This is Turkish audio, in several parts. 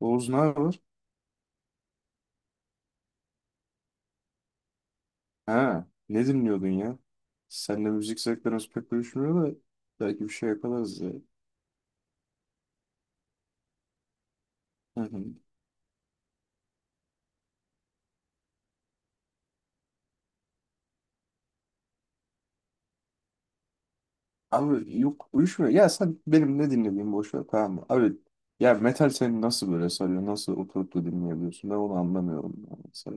Oğuz ne haber? Ha, ne dinliyordun ya? Seninle müzik zevklerimiz pek uyuşmuyor da belki bir şey yaparız ya. Hı hı. Abi yok uyuşmuyor. Ya sen benim ne dinlediğimi boş ver, tamam mı? Abi, ya metal seni nasıl böyle sarıyor? Nasıl oturup da dinleyebiliyorsun? Ben onu anlamıyorum yani, mesela.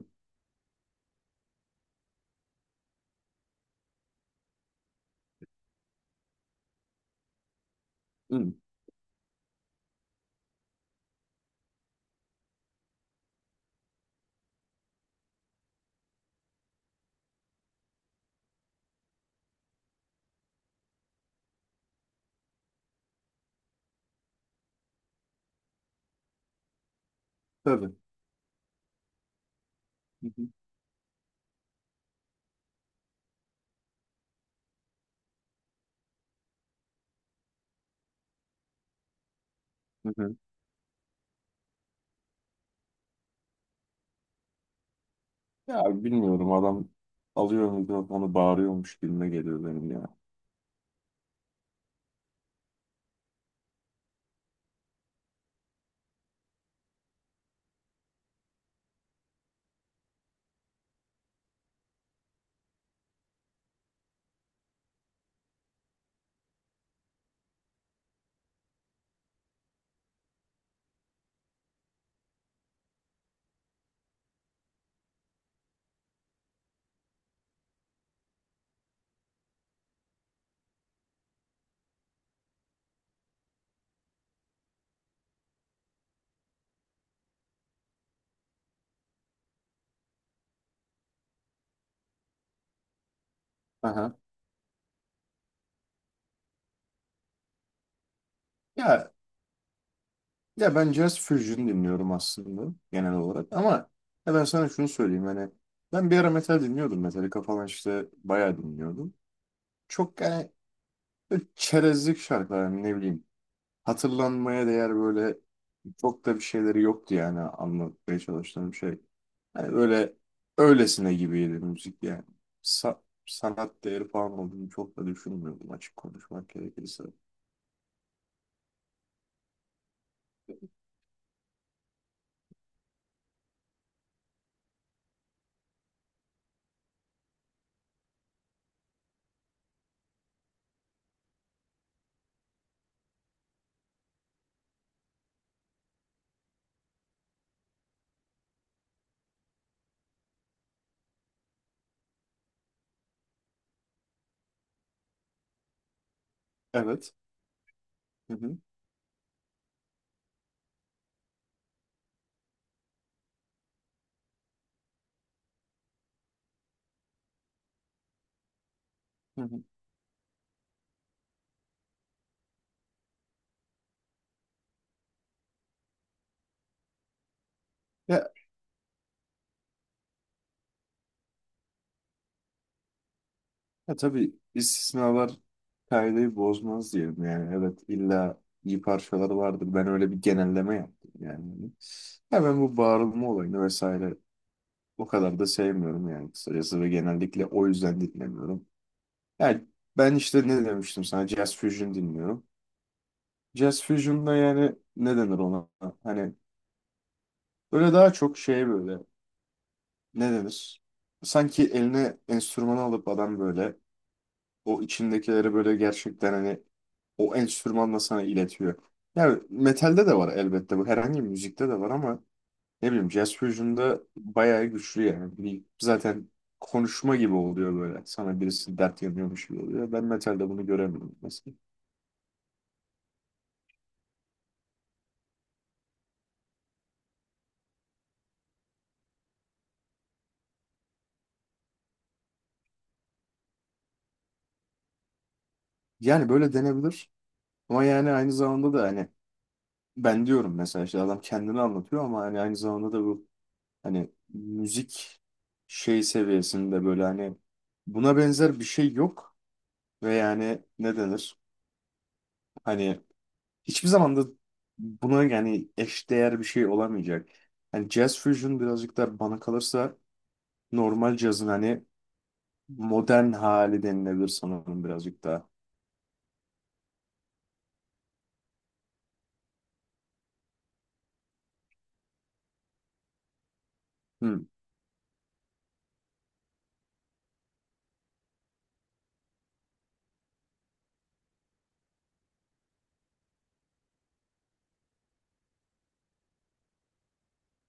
Hı, tabii. Hı hı. Hı hı. Ya bilmiyorum, adam alıyor mikrofonu bağırıyormuş gibime geliyor benim ya. Aha. Ya Ya ben Jazz Fusion dinliyorum aslında genel olarak, ama ya ben sana şunu söyleyeyim hani, ben bir ara metal dinliyordum. Metallica falan işte bayağı dinliyordum. Çok yani, böyle çerezlik şarkılar yani, ne bileyim, hatırlanmaya değer, böyle çok da bir şeyleri yoktu yani, anlatmaya çalıştığım şey. Hani böyle öylesine gibiydi müzik yani. Sa- Sanat değeri falan olduğunu çok da düşünmüyordum, açık konuşmak gerekirse. Evet. Hı hı. Hı hı. Ya tabii, istisnalar kaideyi bozmaz diyelim yani. Evet, illa iyi parçalar vardır. Ben öyle bir genelleme yaptım yani. Ya ben bu bağırılma olayını vesaire o kadar da sevmiyorum yani, kısacası, ve genellikle o yüzden dinlemiyorum. Yani ben işte ne demiştim sana, Jazz Fusion dinliyorum. Jazz Fusion'da yani, ne denir ona? Hani böyle daha çok şey, böyle, ne denir? Sanki eline enstrümanı alıp adam böyle o içindekileri böyle gerçekten hani o enstrümanla sana iletiyor. Yani metalde de var elbette bu. Herhangi bir müzikte de var ama ne bileyim, Jazz Fusion'da bayağı güçlü yani. Zaten konuşma gibi oluyor böyle. Sana birisi dert yanıyormuş gibi oluyor. Ben metalde bunu göremiyorum mesela. Yani böyle denebilir. Ama yani aynı zamanda da hani, ben diyorum mesela, işte adam kendini anlatıyor, ama hani aynı zamanda da bu, hani müzik şey seviyesinde, böyle hani, buna benzer bir şey yok. Ve yani ne denir? Hani hiçbir zaman da buna yani eşdeğer bir şey olamayacak. Hani jazz fusion birazcık da bana kalırsa normal cazın hani modern hali denilebilir sanırım, birazcık daha. Hı,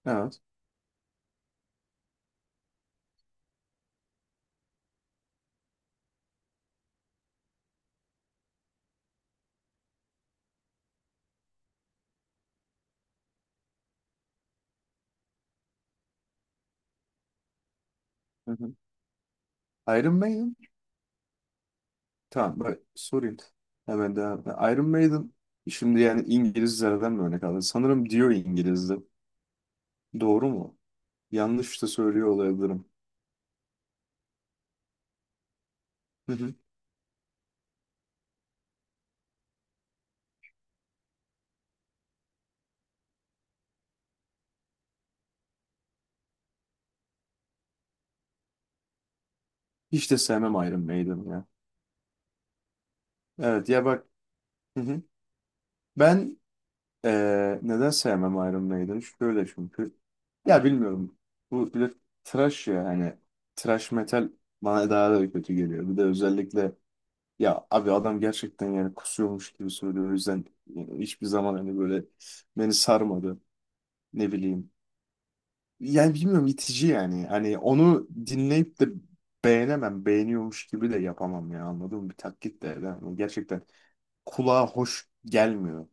evet. Hı hı. Iron Maiden? Tamam bak, sorayım. Hemen devam. Iron Maiden, şimdi yani İngilizlerden mi örnek aldın? Sanırım diyor İngiliz'de. Doğru mu? Yanlış da söylüyor olabilirim. Hı hı. Hiç de sevmem Iron Maiden ya. Evet ya, bak. Hı hı. Ben neden sevmem Iron Maiden'ı? Şöyle, çünkü ya bilmiyorum. Bu bir de trash ya, hani trash metal bana daha da kötü geliyor. Bir de özellikle ya abi, adam gerçekten yani kusuyormuş gibi söylüyor. O yüzden yani hiçbir zaman hani böyle beni sarmadı. Ne bileyim. Yani bilmiyorum, itici yani. Hani onu dinleyip de beğenemem. Beğeniyormuş gibi de yapamam ya, anladın mı? Bir taklit de. Yani gerçekten kulağa hoş gelmiyor.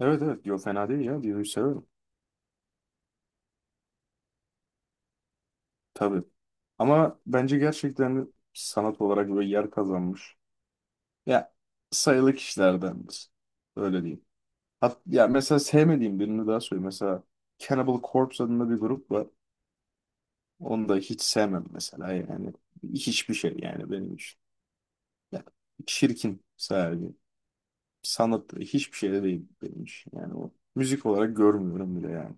Evet evet, diyor, fena değil ya. Diyo'yu severim. Tabii. Ama bence gerçekten sanat olarak böyle yer kazanmış. Ya, sayılı kişilerdendir. Öyle diyeyim. Hat ya, mesela sevmediğim birini daha söyleyeyim. Mesela Cannibal Corpse adında bir grup var. Onu da hiç sevmem mesela yani. Hiçbir şey yani benim için. Ya, çirkin sadece. Sanat hiçbir şey de değil benim için. Yani o müzik olarak görmüyorum bile yani.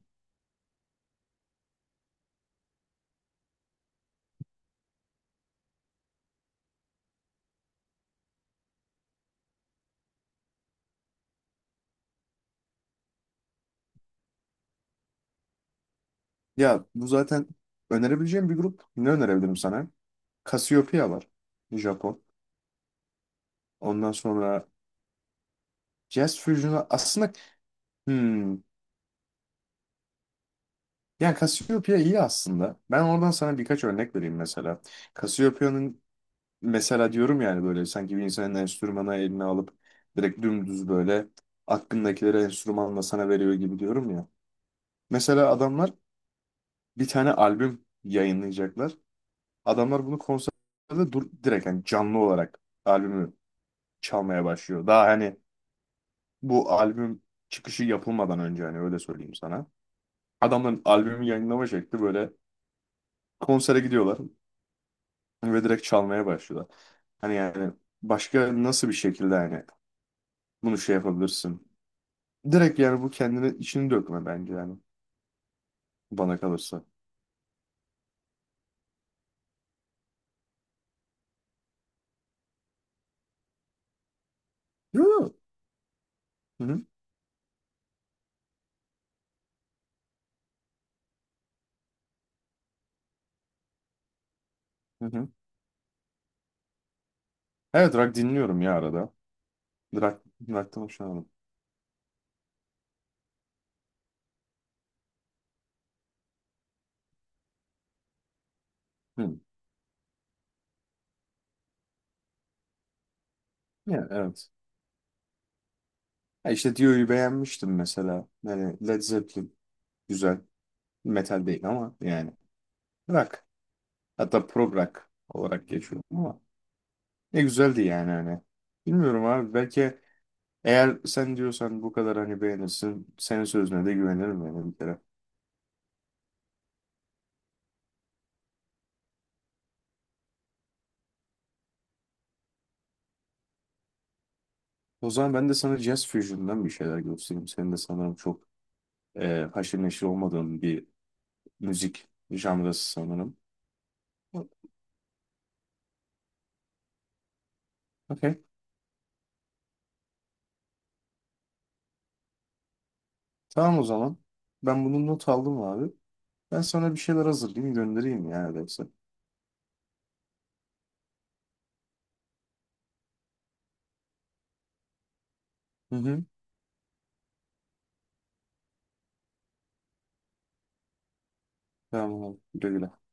Ya bu zaten önerebileceğim bir grup. Ne önerebilirim sana? Cassiopeia var. Japon. Ondan sonra Jazz Fusion'u aslında, hmm, yani Cassiopeia iyi aslında. Ben oradan sana birkaç örnek vereyim mesela. Cassiopeia'nın mesela, diyorum yani böyle sanki bir insanın enstrümanı eline alıp direkt dümdüz böyle aklındakileri enstrümanla sana veriyor gibi diyorum ya. Mesela adamlar bir tane albüm yayınlayacaklar. Adamlar bunu konserde dur, direkt yani canlı olarak albümü çalmaya başlıyor. Daha hani bu albüm çıkışı yapılmadan önce, hani öyle söyleyeyim sana. Adamların albümü yayınlama şekli böyle, konsere gidiyorlar ve direkt çalmaya başlıyorlar. Hani yani başka nasıl bir şekilde hani bunu şey yapabilirsin? Direkt yani bu kendini içini dökme bence yani, bana kalırsa. Yo, yo. Hı hı, hı hı. Evet, rock dinliyorum ya arada. Rock, rock'tan hoşlanırım. Hı. Ya, evet. Ha, işte Dio'yu beğenmiştim mesela. Yani Led Zeppelin güzel. Metal değil ama yani rock. Hatta prog rock olarak geçiyor ama. Ne güzeldi yani hani. Bilmiyorum abi, belki eğer sen diyorsan bu kadar hani beğenirsin, senin sözüne de güvenirim yani bir kere. O zaman ben de sana Jazz Fusion'dan bir şeyler göstereyim. Senin de sanırım çok haşır neşir olmadığın bir müzik janrası sanırım. Okey. Tamam o zaman. Ben bunu not aldım abi. Ben sana bir şeyler hazırlayayım, göndereyim ya öyleyse. Hı hı. Tamam abi. Güle güle.